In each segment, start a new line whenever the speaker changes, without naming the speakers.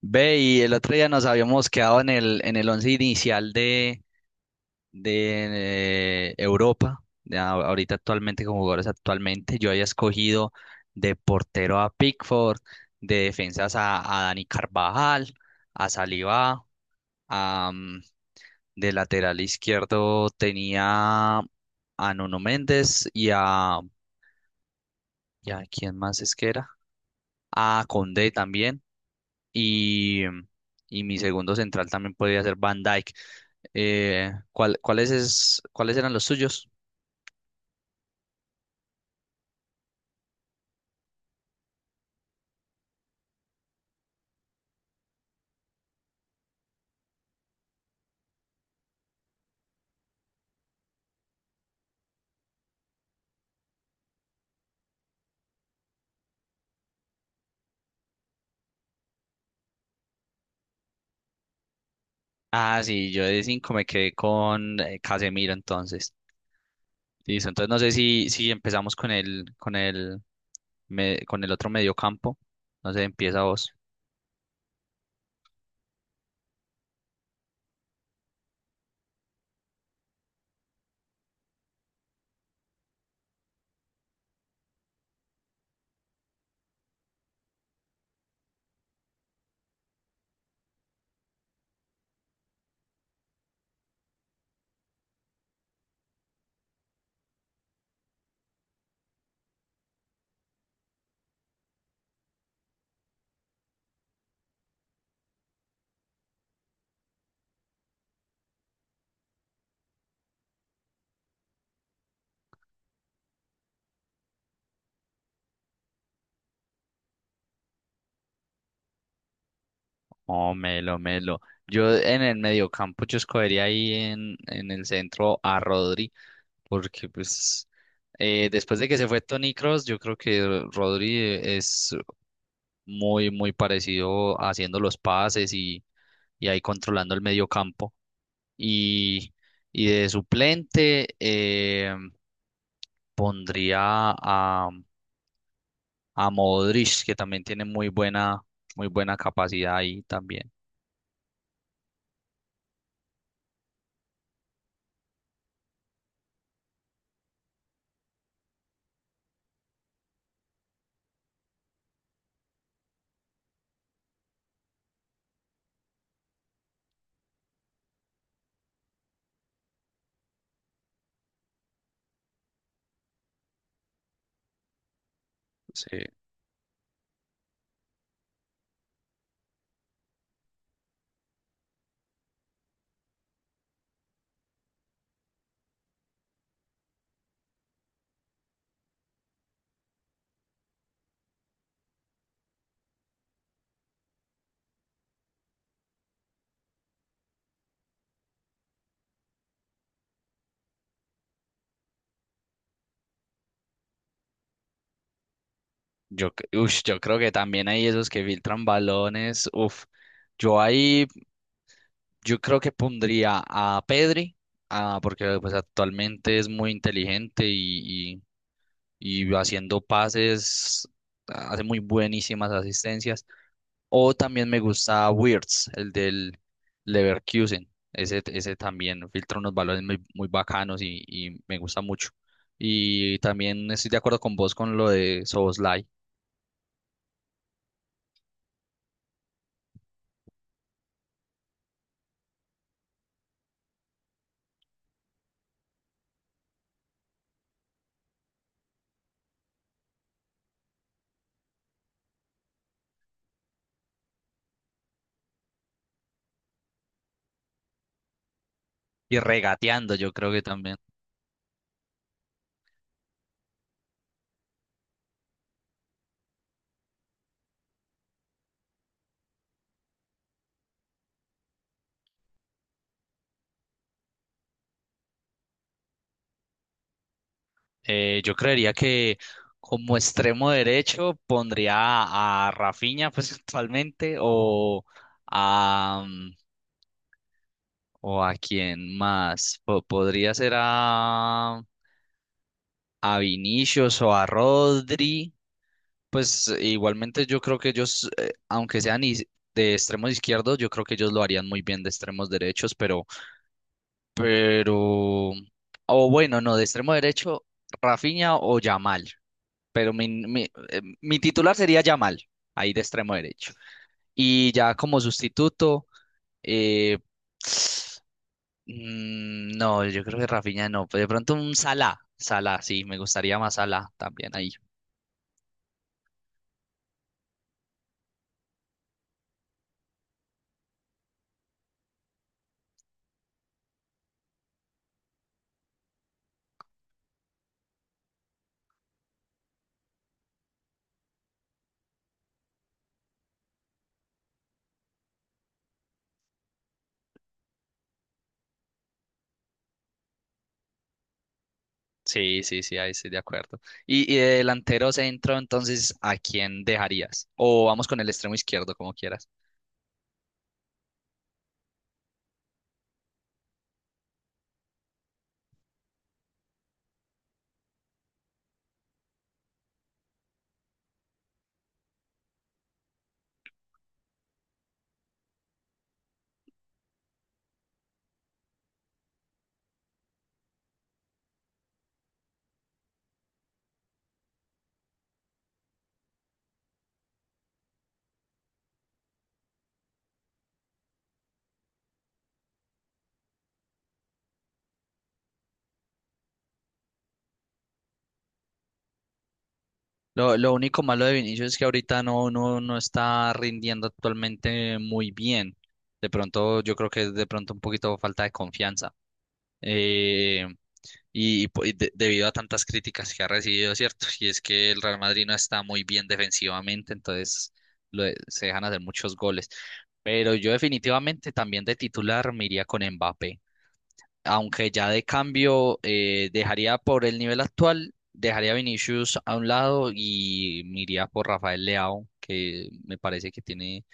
Ve, y el otro día nos habíamos quedado en el once inicial de Europa, de ahorita actualmente, con jugadores actualmente, yo había escogido de portero a Pickford, de defensas a Dani Carvajal, a Saliba, a, mm, de lateral izquierdo tenía a Nuno Méndez y a, ¿quién más es que era? A Condé también. y, y mi segundo central también podría ser Van Dijk. ¿ cuáles eran los suyos? Ah, sí, yo de cinco me quedé con Casemiro entonces. Listo, entonces no sé si empezamos con el otro mediocampo. No sé, empieza vos. Oh, Melo, Melo. Yo en el mediocampo yo escogería ahí en el centro a Rodrigo porque pues después de que se fue Tony Cross yo creo que Rodri es muy, muy parecido haciendo los pases y ahí controlando el medio campo. Y, y de suplente pondría a, a Modric, que también tiene muy buena capacidad ahí también. Sí, yo creo que también hay esos que filtran balones. Uf, yo ahí. Yo creo que pondría a Pedri, ah, porque pues actualmente es muy inteligente y haciendo pases ah, hace muy buenísimas asistencias. O también me gusta Wirtz, el del Leverkusen. Ese también filtra unos balones muy, muy bacanos y me gusta mucho. Y también estoy de acuerdo con vos con lo de Soboslai. Y regateando, yo creo que también. Yo creería que como extremo derecho pondría a Rafinha, pues actualmente, a, mm, o a quién más. Podría ser a Vinicius o a Rodri. Pues igualmente yo creo que ellos, aunque sean de extremos izquierdos, yo creo que ellos lo harían muy bien de extremos derechos, pero, o bueno, no, de extremo derecho, Rafinha o Yamal. Pero mi titular sería Yamal, ahí de extremo derecho. Y ya como sustituto, eh, no, yo creo que Rafinha no, pero de pronto un Salah, Salah, sí, me gustaría más Salah también ahí. Sí, sí, sí, ahí estoy de acuerdo. Y de delantero centro, entonces, ¿a quién dejarías? O vamos con el extremo izquierdo, como quieras. Lo único malo de Vinicius es que ahorita no está rindiendo actualmente muy bien. De pronto, yo creo que es de pronto un poquito falta de confianza. Eh, y debido a tantas críticas que ha recibido, ¿cierto? Y es que el Real Madrid no está muy bien defensivamente, entonces se dejan hacer muchos goles. Pero yo definitivamente también de titular me iría con Mbappé aunque ya de cambio dejaría por el nivel actual, dejaría a Vinicius a un lado y me iría por Rafael Leao, que me parece que tiene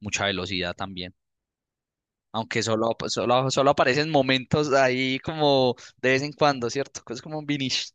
mucha velocidad también. Aunque solo, solo, solo aparecen momentos ahí como de vez en cuando, ¿cierto? Es como un Vinicius.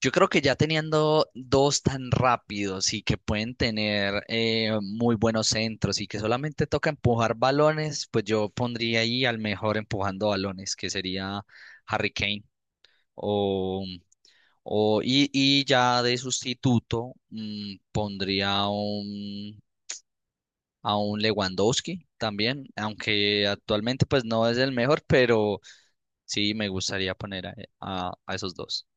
Yo creo que ya teniendo dos tan rápidos y que pueden tener muy buenos centros y que solamente toca empujar balones, pues yo pondría ahí al mejor empujando balones, que sería Harry Kane. O, y ya de sustituto pondría a un Lewandowski también, aunque actualmente pues no es el mejor, pero sí me gustaría poner a esos dos.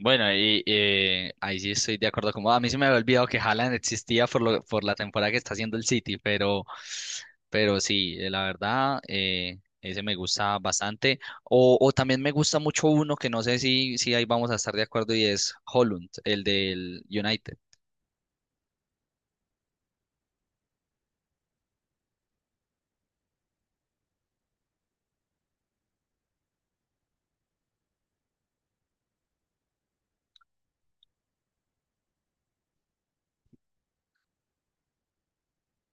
Bueno, y ahí sí estoy de acuerdo. Como a mí se me había olvidado que Haaland existía por la temporada que está haciendo el City, pero, sí, la verdad, ese me gusta bastante. O también me gusta mucho uno que no sé si ahí vamos a estar de acuerdo y es Holland, el del United.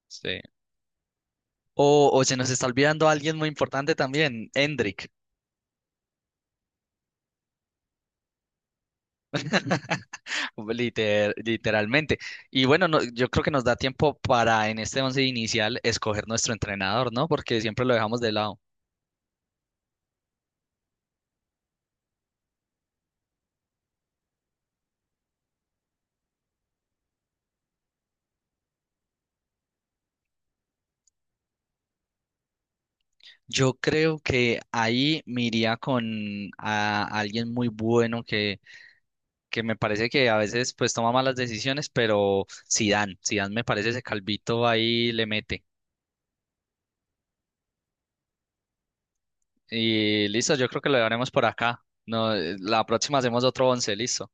Sí. O se nos está olvidando alguien muy importante también, Endrick. Literalmente. Y bueno, yo creo que nos da tiempo para en este once inicial escoger nuestro entrenador, ¿no? Porque siempre lo dejamos de lado. Yo creo que ahí me iría con a alguien muy bueno que me parece que a veces pues toma malas decisiones, pero Zidane, Zidane me parece ese calvito ahí le mete. Y listo, yo creo que lo haremos por acá. No, la próxima hacemos otro once, listo.